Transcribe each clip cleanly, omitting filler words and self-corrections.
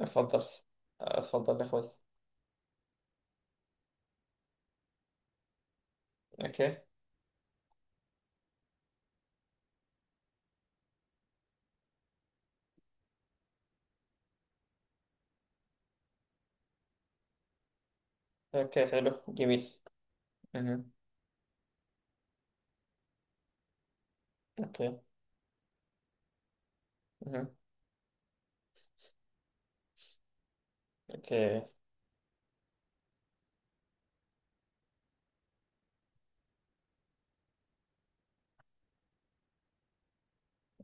اتفضل. اتفضل يا اخوي. اوكي. اوكي، حلو، جميل. اها. اوكي. اها. اوكي.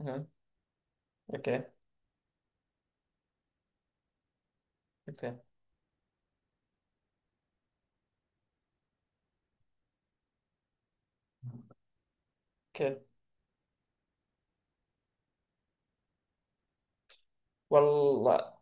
اها. اوكي. اوكي. اوكي. والله.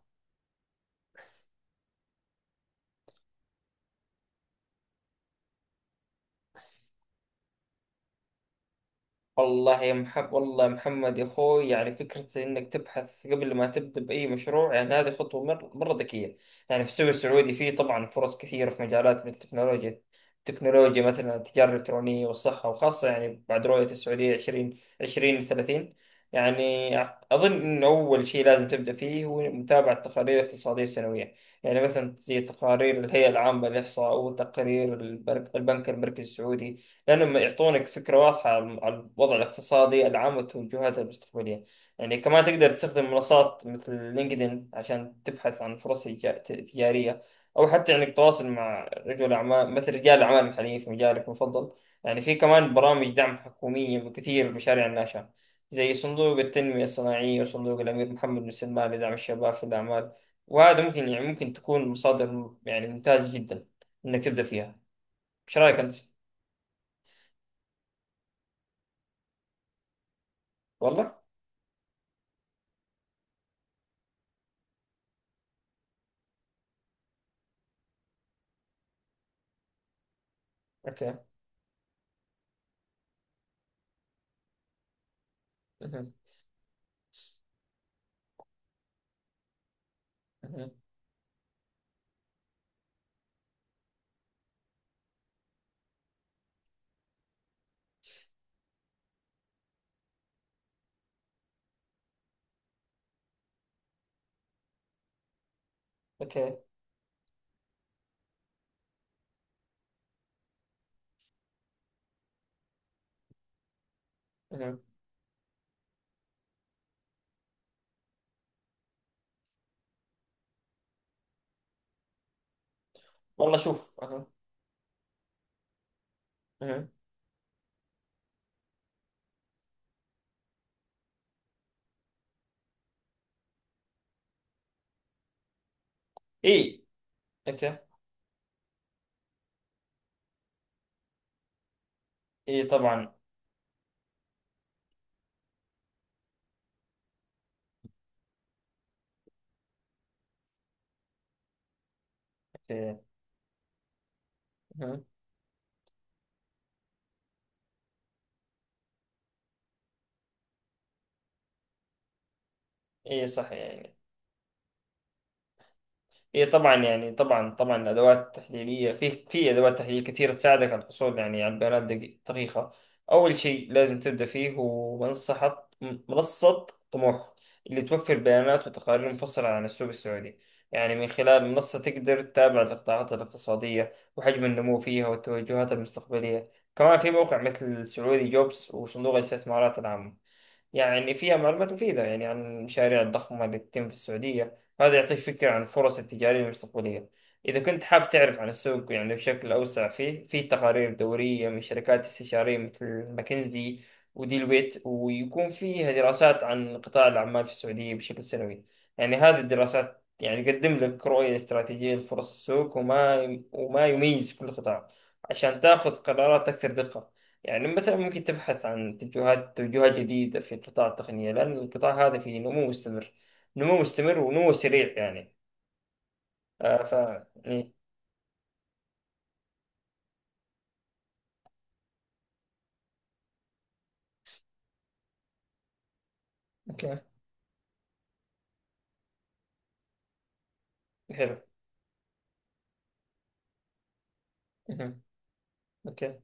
والله يا محمد، والله محمد يا اخوي، يعني فكرة انك تبحث قبل ما تبدأ بأي مشروع، يعني هذه خطوة مرة ذكية. يعني في السوق السعودي فيه طبعا فرص كثيرة في مجالات مثل التكنولوجيا، مثلا التجارة الإلكترونية والصحة، وخاصة يعني بعد رؤية السعودية 2030. يعني أظن أن أول شيء لازم تبدأ فيه هو متابعة تقارير اقتصادية سنوية، يعني مثلا زي تقارير الهيئة العامة للإحصاء وتقارير البنك المركزي السعودي، لأنهم يعطونك فكرة واضحة عن الوضع الاقتصادي العام والتوجهات المستقبلية. يعني كمان تقدر تستخدم منصات مثل لينكدين عشان تبحث عن فرص تجارية، أو حتى إنك تتواصل مع رجل أعمال، مثل رجال أعمال محليين في مجالك المفضل. يعني في كمان برامج دعم حكومية بكثير مشاريع الناشئة، زي صندوق التنمية الصناعية وصندوق الأمير محمد بن سلمان لدعم الشباب في الأعمال. وهذا ممكن، يعني ممكن تكون مصادر يعني ممتازة جدا إنك تبدأ فيها. إيش رأيك أنت؟ والله؟ أوكي. مهم. مهم. اوكي. مهم. والله شوف. اها. اها. اي. اوكي. اي طبعا. اوكي. مهم. اي صح يعني. هي طبعا يعني طبعا طبعا الادوات التحليليه في ادوات تحليل كثير تساعدك على الحصول يعني على البيانات دقيقه. اول شيء لازم تبدا فيه هو منصه طموح، اللي توفر بيانات وتقارير مفصله عن السوق السعودي. يعني من خلال منصه تقدر تتابع القطاعات الاقتصاديه وحجم النمو فيها والتوجهات المستقبليه. كمان في موقع مثل سعودي جوبس وصندوق الاستثمارات العامه، يعني فيها معلومات مفيدة يعني عن المشاريع الضخمة اللي تتم في السعودية، وهذا يعطيك فكرة عن الفرص التجارية المستقبلية. إذا كنت حاب تعرف عن السوق يعني بشكل أوسع، فيه في تقارير دورية من شركات استشارية مثل ماكنزي وديل ويت، ويكون فيها دراسات عن قطاع الأعمال في السعودية بشكل سنوي. يعني هذه الدراسات يعني تقدم لك رؤية استراتيجية لفرص السوق، وما يميز كل قطاع، عشان تاخذ قرارات أكثر دقة. يعني مثلا ممكن تبحث عن توجهات جديدة في قطاع التقنية، لأن القطاع هذا فيه نمو مستمر، ونمو سريع يعني. آه ف إيه. أوكي. حلو. مهم. أوكي.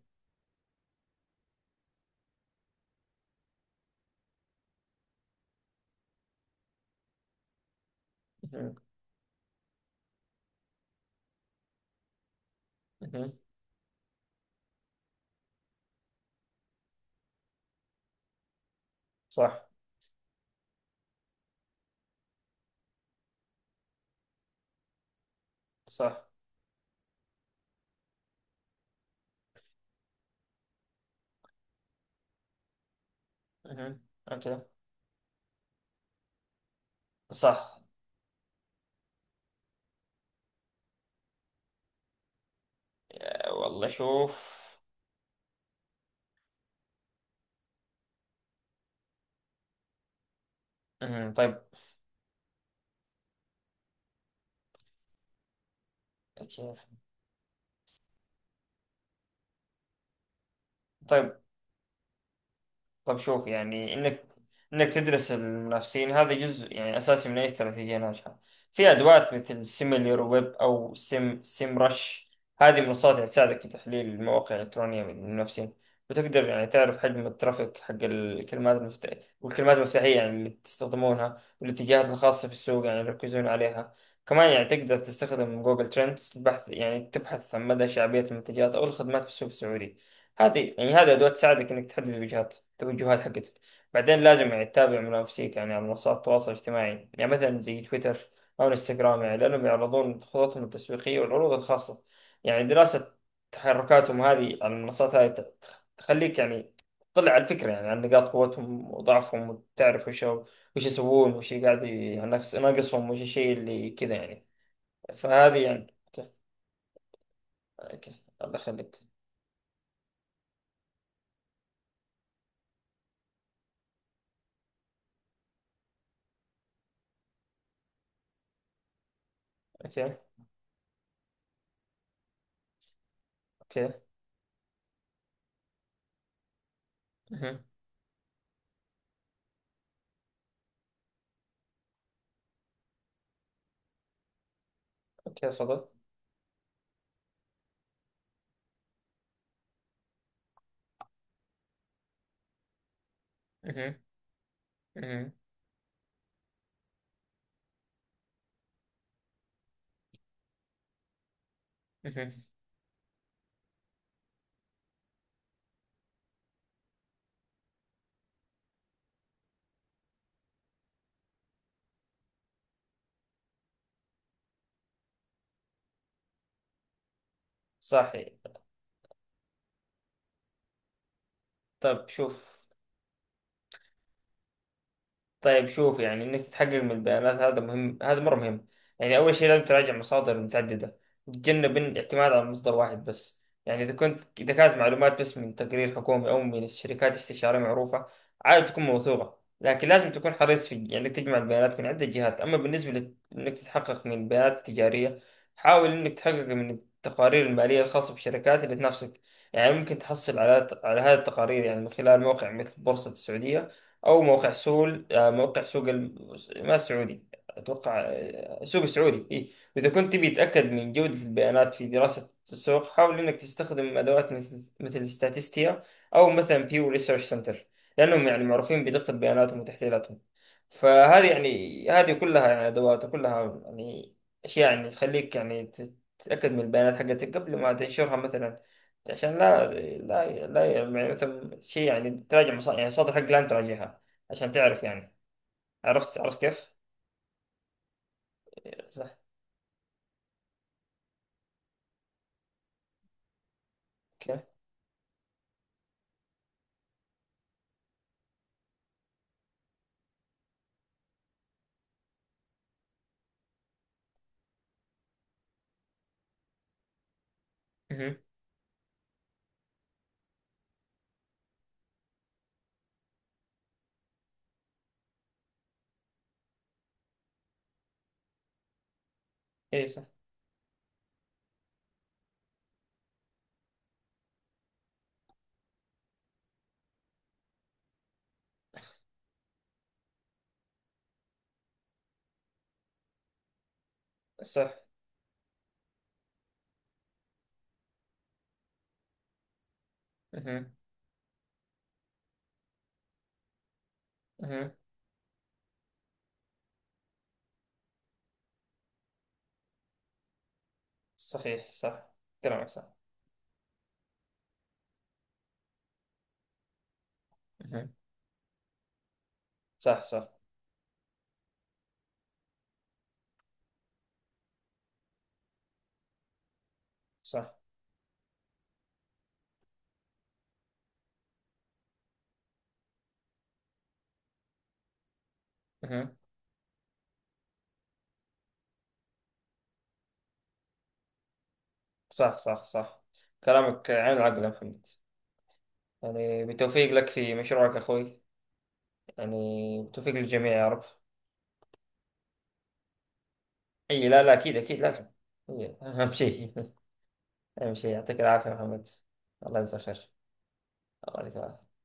مهم. مهم. صح. صح. مهم. أوكي. صح. والله شوف. مهم. طيب. أوكي. طيب. طب شوف، يعني انك تدرس المنافسين، هذا جزء يعني اساسي من اي استراتيجيه ناجحه. في ادوات مثل سيميلير ويب او سيم رش، هذه منصات يعني تساعدك في تحليل المواقع الالكترونيه من المنافسين. وتقدر يعني تعرف حجم الترافيك حق الكلمات المفتاحية، والكلمات المفتاحيه يعني اللي تستخدمونها، والاتجاهات الخاصه في السوق يعني يركزون عليها. كمان يعني تقدر تستخدم جوجل ترندز بحث، يعني تبحث عن مدى شعبيه المنتجات او الخدمات في السوق السعودي. هذه يعني هذه ادوات تساعدك انك تحدد التوجهات حقتك. بعدين لازم يعني تتابع منافسيك يعني على منصات التواصل الاجتماعي، يعني مثلا زي تويتر او انستغرام، يعني لانهم يعرضون خططهم التسويقيه والعروض الخاصه. يعني دراسه تحركاتهم هذه على المنصات هذه تخليك يعني تطلع على الفكره يعني عن نقاط قوتهم وضعفهم، وتعرف وش يسوون، وش قاعد يعني ناقصهم، وش الشيء اللي كذا يعني. فهذه يعني. اوكي. اوكي الله يخليك. اوكي. اوكي. مهم. اوكي. صدق. مهم. مهم. صحيح. طب شوف. طيب شوف، يعني انك تتحقق من البيانات، هذا مهم، هذا مره مهم. يعني اول شيء لازم تراجع مصادر متعدده، وتتجنب الاعتماد على مصدر واحد بس. يعني اذا كنت، اذا كانت معلومات بس من تقرير حكومي او من شركات استشاريه معروفه، عادة تكون موثوقه، لكن لازم تكون حريص في يعني انك تجمع البيانات من عده جهات. اما بالنسبه انك تتحقق من البيانات التجاريه، حاول انك تحقق من التقارير الماليه الخاصه بالشركات اللي تنافسك. يعني ممكن تحصل على هذه التقارير يعني من خلال موقع مثل بورصه السعوديه، او موقع سول، موقع سوق ما السعودي، اتوقع، سوق السعودي إيه. واذا كنت تبي تتاكد من جوده البيانات في دراسه السوق، حاول انك تستخدم ادوات مثل ستاتستيا، او مثلا بيو ريسيرش سنتر، لانهم يعني معروفين بدقه بياناتهم وتحليلاتهم. فهذه يعني هذه كلها يعني ادوات، وكلها يعني اشياء يعني تخليك يعني تتاكد من البيانات حقتك قبل ما تنشرها مثلا، عشان لا، لا لا يعني مثلا شيء يعني تراجع مصادر، يعني المصادر حق لا تراجعها، عشان تعرف يعني. عرفت كيف؟ صح. اوكي. اها. اي صح. صح. اها. اها. صحيح صح. كلامك صح. اها. صح صح صح. اها. صح صح صح. كلامك عين العقل يا محمد. يعني بالتوفيق لك في مشروعك اخوي. يعني بالتوفيق للجميع يا رب. اي لا لا، اكيد اكيد لازم. إي، اهم شيء اهم شيء. يعطيك العافيه يا محمد. الله يجزاك خير. الله يجزاك.